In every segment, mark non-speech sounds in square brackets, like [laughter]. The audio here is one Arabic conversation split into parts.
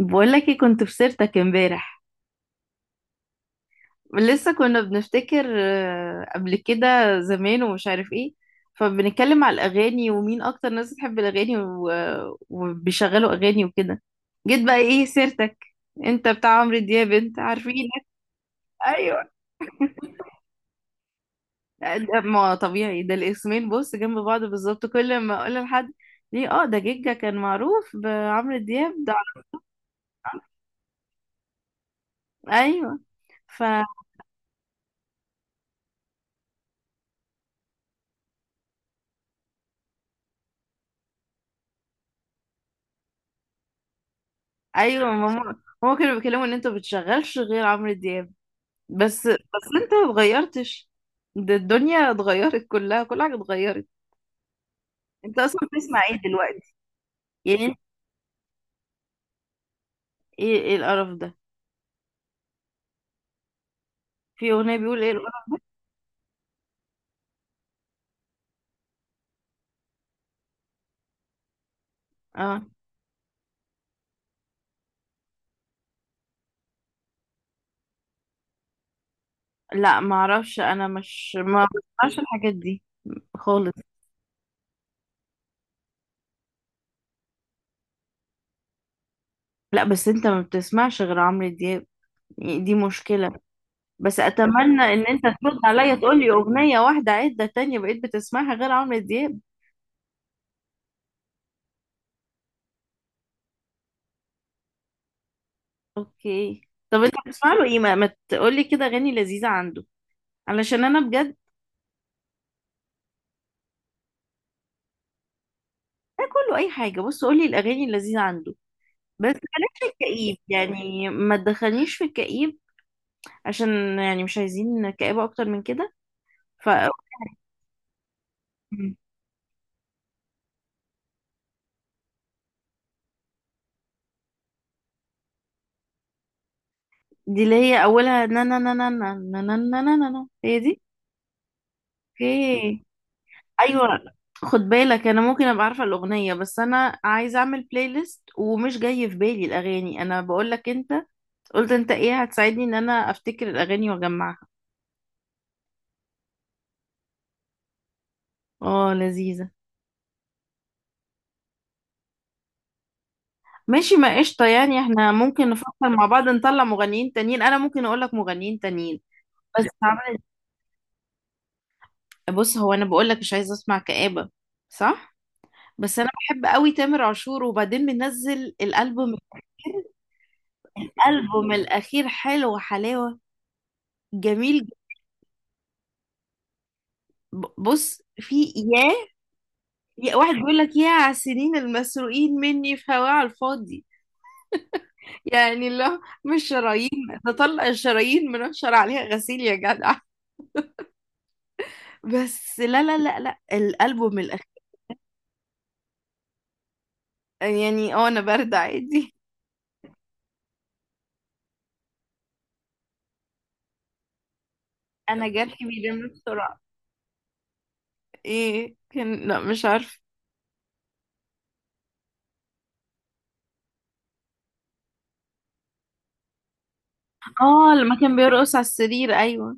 بقول لك إيه، كنت في سيرتك امبارح. لسه كنا بنفتكر قبل كده زمان ومش عارف ايه. فبنتكلم على الاغاني ومين اكتر ناس بتحب الاغاني وبيشغلوا اغاني وكده. جيت بقى ايه سيرتك؟ انت بتاع عمرو دياب، انت عارفينك. ايوه. ما طبيعي ده، الاسمين بص جنب بعض بالظبط كل ما اقول لحد ليه، ده جيجا كان معروف بعمرو دياب ده. ايوه، فا ايوه. ماما، هما كانوا بيتكلموا ان انتوا بتشغلش غير عمرو دياب. بس، بس، انت ما اتغيرتش. ده الدنيا اتغيرت كلها، كل حاجة اتغيرت. انت اصلا بتسمع ايه دلوقتي؟ يعني. ايه، ايه القرف ده؟ في اغنية بيقول ايه القرف؟ اه لا، ما اعرفش، انا مش ما بسمعش الحاجات دي خالص. لا بس انت ما بتسمعش غير عمرو دياب، يعني دي مشكلة. بس اتمنى ان انت ترد عليا تقول لي اغنية واحدة عدة تانية بقيت بتسمعها غير عمرو دياب. اوكي. طب انت بتسمع له ايه، ما تقول لي كده اغاني لذيذة عنده، علشان انا بجد. ده كله اي حاجه، بص قولي الاغاني اللذيذه عنده. بس بلاش في الكئيب، يعني ما تدخلنيش في الكئيب، عشان يعني مش عايزين كئيبه اكتر من كده. ف دي اللي هي اولها نا نا نا نا نا نا نا نا نا نا نا. هي دي. اوكي. ايوه. خد بالك انا ممكن ابقى عارفه الاغنيه، بس انا عايزه اعمل بلاي ليست ومش جاي في بالي الاغاني. انا بقول لك انت قلت انت ايه، هتساعدني ان انا افتكر الاغاني واجمعها. اه لذيذه. ماشي، ما قشطة، يعني احنا ممكن نفكر مع بعض نطلع مغنيين تانيين، انا ممكن اقول لك مغنيين تانيين. بس عمرو- بص هو، انا بقول لك مش عايزة اسمع كآبة. صح. بس انا بحب قوي تامر عاشور، وبعدين منزل الالبوم. الالبوم الاخير حلو حلاوة. جميل. بص في ياه، يا واحد بيقول لك يا على السنين المسروقين مني في هواه على الفاضي. يعني لا مش شرايين. نطلع الشرايين منشر عليها غسيل يا جدع. بس لا، لا، لا، لا، الالبوم. يعني انا برد عادي. انا جرحي بيلم بسرعه. ايه كان؟ لا مش عارفه. اه لما كان بيرقص على السرير، ايوه.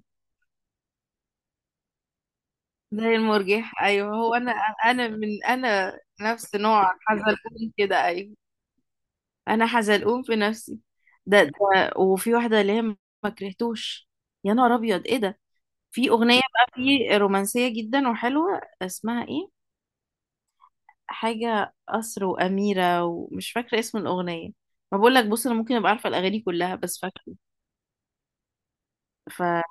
زي المرجح، ايوه، هو انا. انا من انا نفس نوع حزلقوم كده، ايوه. انا حزلقوم في نفسي. ده وفي واحده اللي هي ما كرهتوش، يا نهار ابيض، ايه ده؟ في اغنيه بقى في رومانسيه جدا وحلوه، اسمها ايه؟ حاجه قصر واميره ومش فاكره اسم الاغنيه. ما بقول لك بص، انا ممكن ابقى عارفه الاغاني كلها بس فاكره. فعلى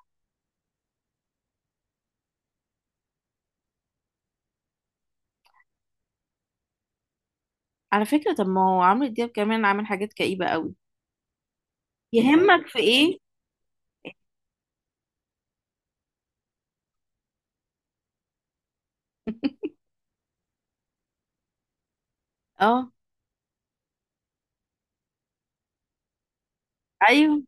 فكرة، طب ما هو عمرو دياب كمان عامل حاجات كئيبة قوي. يهمك في ايه؟ اه ايوه.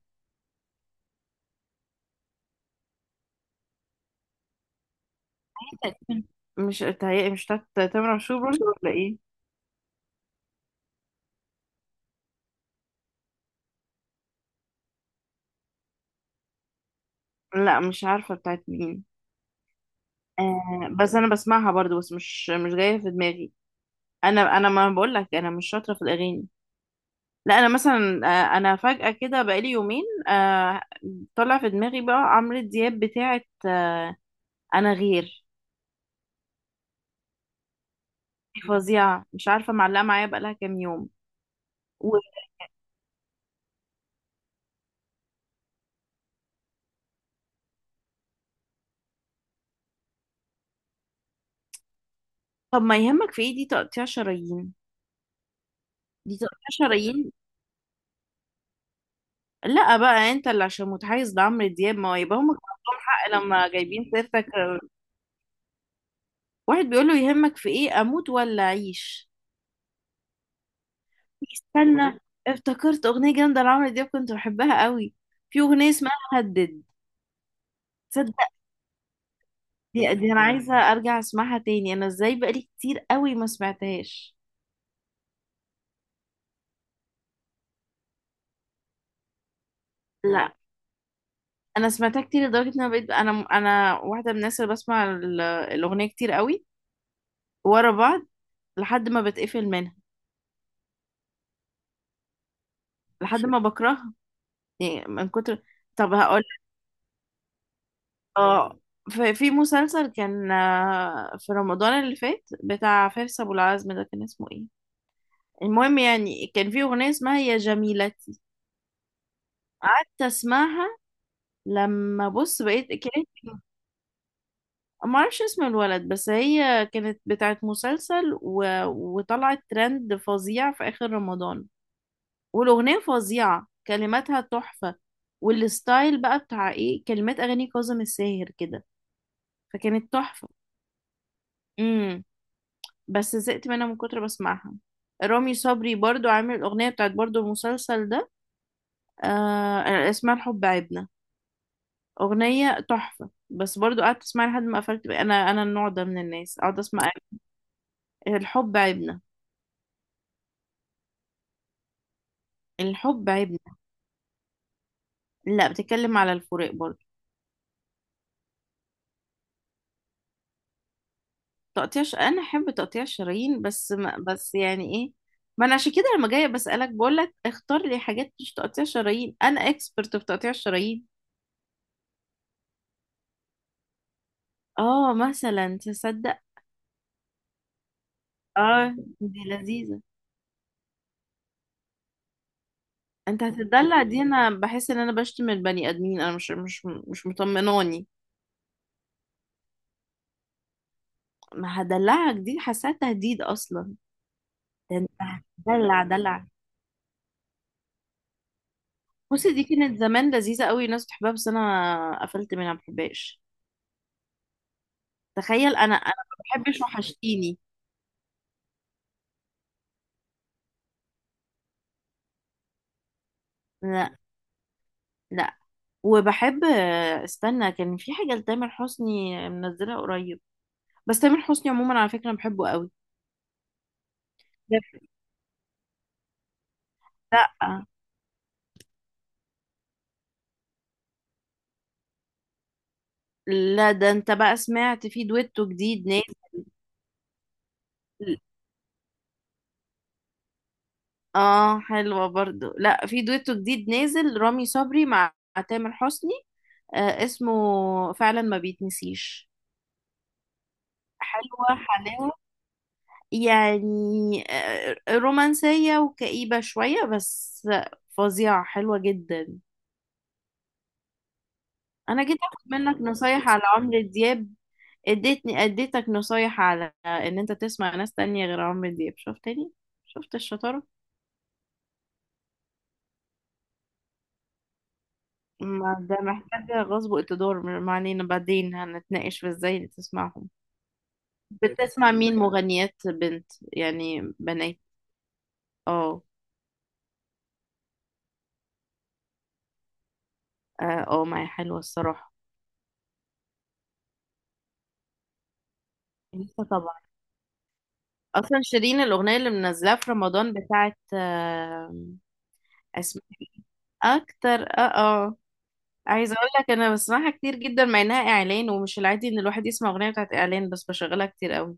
مش بتهيألي مش بتاعت تامر عاشور برضه، ولا ايه؟ لا مش عارفة بتاعت مين. آه، بس انا بسمعها برضه، بس مش جاية في دماغي. انا ما بقول لك، انا مش شاطرة في الاغاني. لا انا مثلا، انا فجأة كده بقالي يومين، آه، طلع في دماغي بقى عمرو دياب بتاعت، انا غير. دي فظيعة، مش عارفة معلقة معايا بقالها كام يوم. طب ما يهمك في ايه، دي تقطيع شرايين. دي تقطيع شرايين. لا بقى، انت اللي عشان متحيز لعمرو دياب، ما هو يبقى هم كان عندهم حق لما جايبين سيرتك. واحد بيقول له يهمك في ايه، اموت ولا اعيش. استنى، افتكرت اغنيه جامده لعمرو دياب كنت بحبها قوي. في اغنيه اسمها هدد. تصدق؟ دي انا عايزه ارجع اسمعها تاني، انا ازاي بقالي كتير قوي ما سمعتهاش. لا، انا سمعتها كتير لدرجه ان انا بقيت انا واحده من الناس اللي بسمع الاغنيه كتير قوي ورا بعض، لحد ما بتقفل منها، لحد ما بكرهها، يعني من كتر. طب هقول. اه، في مسلسل كان، في رمضان اللي فات بتاع فارس ابو العزم ده كان اسمه ايه؟ المهم يعني كان في اغنيه اسمها يا جميلتي. قعدت اسمعها، لما بص بقيت كانت. ما اعرفش اسم الولد، بس هي كانت بتاعت مسلسل، وطلعت ترند فظيع في اخر رمضان. والأغنية فظيعة، كلماتها تحفة. والستايل بقى بتاع ايه، كلمات أغاني كاظم الساهر كده، فكانت تحفة. امم. بس زهقت منها من كتر بسمعها. رامي صبري برضو عامل الأغنية بتاعت برضو المسلسل ده. آه، اسمها الحب عيبنا. أغنية تحفة، بس برضو قعدت اسمعها لحد ما قفلت بقى. أنا النوع ده من الناس، أقعد أسمع. الحب عيبنا. الحب عيبنا. لا، بتتكلم على الفراق برضو. انا احب تقطيع الشرايين، بس ما... بس يعني ايه. ما انا عشان كده لما جايه بسالك بقول لك اختار لي حاجات مش تقطيع شرايين، انا اكسبرت في تقطيع الشرايين. اه مثلا، تصدق؟ اه دي لذيذه. انت هتدلع؟ دي انا بحس ان انا بشتم البني ادمين، انا مش مطمناني. ما هدلعك دي حاساها تهديد اصلا. ده انت هتدلع دلع. بصي، دي كانت زمان لذيذه قوي، ناس بتحبها بس انا قفلت منها، ما بحبهاش. تخيل، انا ما بحبش وحشتيني. انا. لا. وبحب. استنى، كان في حاجة لتامر حسني منزلها قريب. بس تامر حسني عموما، على فكرة، أنا بحبه قوي. ده- لا، لا، ده انت بقى سمعت في دويتو جديد نازل؟ اه حلوة برضو. لا في دويتو جديد نازل رامي صبري مع تامر حسني. آه اسمه. فعلا ما بيتنسيش. حلوة حلاوة. يعني، رومانسية وكئيبة شوية بس. فظيعة، حلوة جدا. انا جيت اخد منك نصايح على عمرو دياب، اديتني. اديتك نصايح على ان انت تسمع ناس تانية غير عمرو دياب، شفت تاني؟ شفت الشطارة؟ ما ده محتاجة غصب وقتدار، ما علينا بعدين هنتناقش في ازاي تسمعهم. بتسمع مين مغنيات بنت، يعني بنات؟ اه، اه، آه، ما هي حلوة الصراحة. لسه طبعا. اصلا شيرين الاغنية اللي منزلها في رمضان بتاعت، اسمها إيه؟ اكتر. عايزه اقول لك انا بسمعها كتير جدا مع انها اعلان، ومش العادي ان الواحد يسمع اغنيه بتاعت اعلان، بس بشغلها كتير قوي.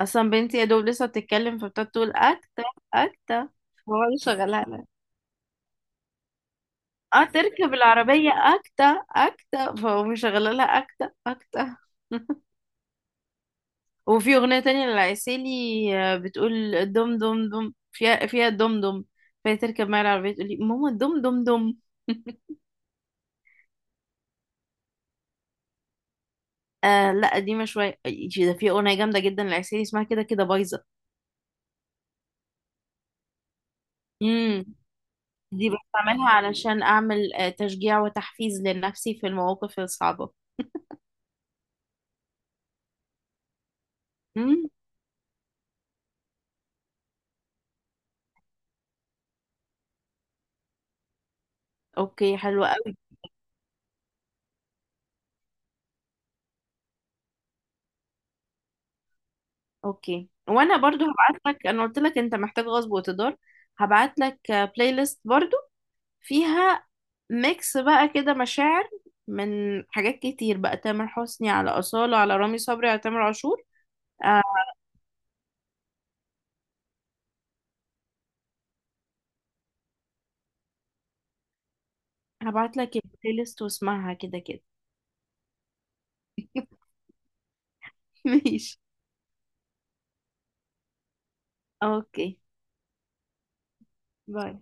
اصلا بنتي يا دوب لسه بتتكلم، فبتقعد تقول اكتا، اكتا، فهو اللي شغلها لها. اه تركب العربيه اكتا، اكتا، فهو مشغلها لها اكتا اكتا. [laughs] وفي اغنيه تانية للعسيلي، آه، بتقول دم دم دم فيها فيها دم دم. فهي تركب معايا العربيه تقول لي ماما دم دم دم. [laughs] آه لا، قديمه شويه. ده في اغنيه جامده جدا للعسيلي اسمها كده كده بايظه. امم. دي بستعملها علشان أعمل تشجيع وتحفيز لنفسي في المواقف الصعبة. مم. أوكي حلوة قوي. أوكي، وأنا برضو هبعت لك، أنا قلت لك أنت محتاج غصب وتدار. هبعت لك بلاي ليست برضو، فيها ميكس بقى كده مشاعر من حاجات كتير بقى، تامر حسني على أصالة على رامي صبري على تامر عاشور. آه، هبعت لك البلاي ليست واسمعها كده كده. [laughs] ماشي. أوكي، باي.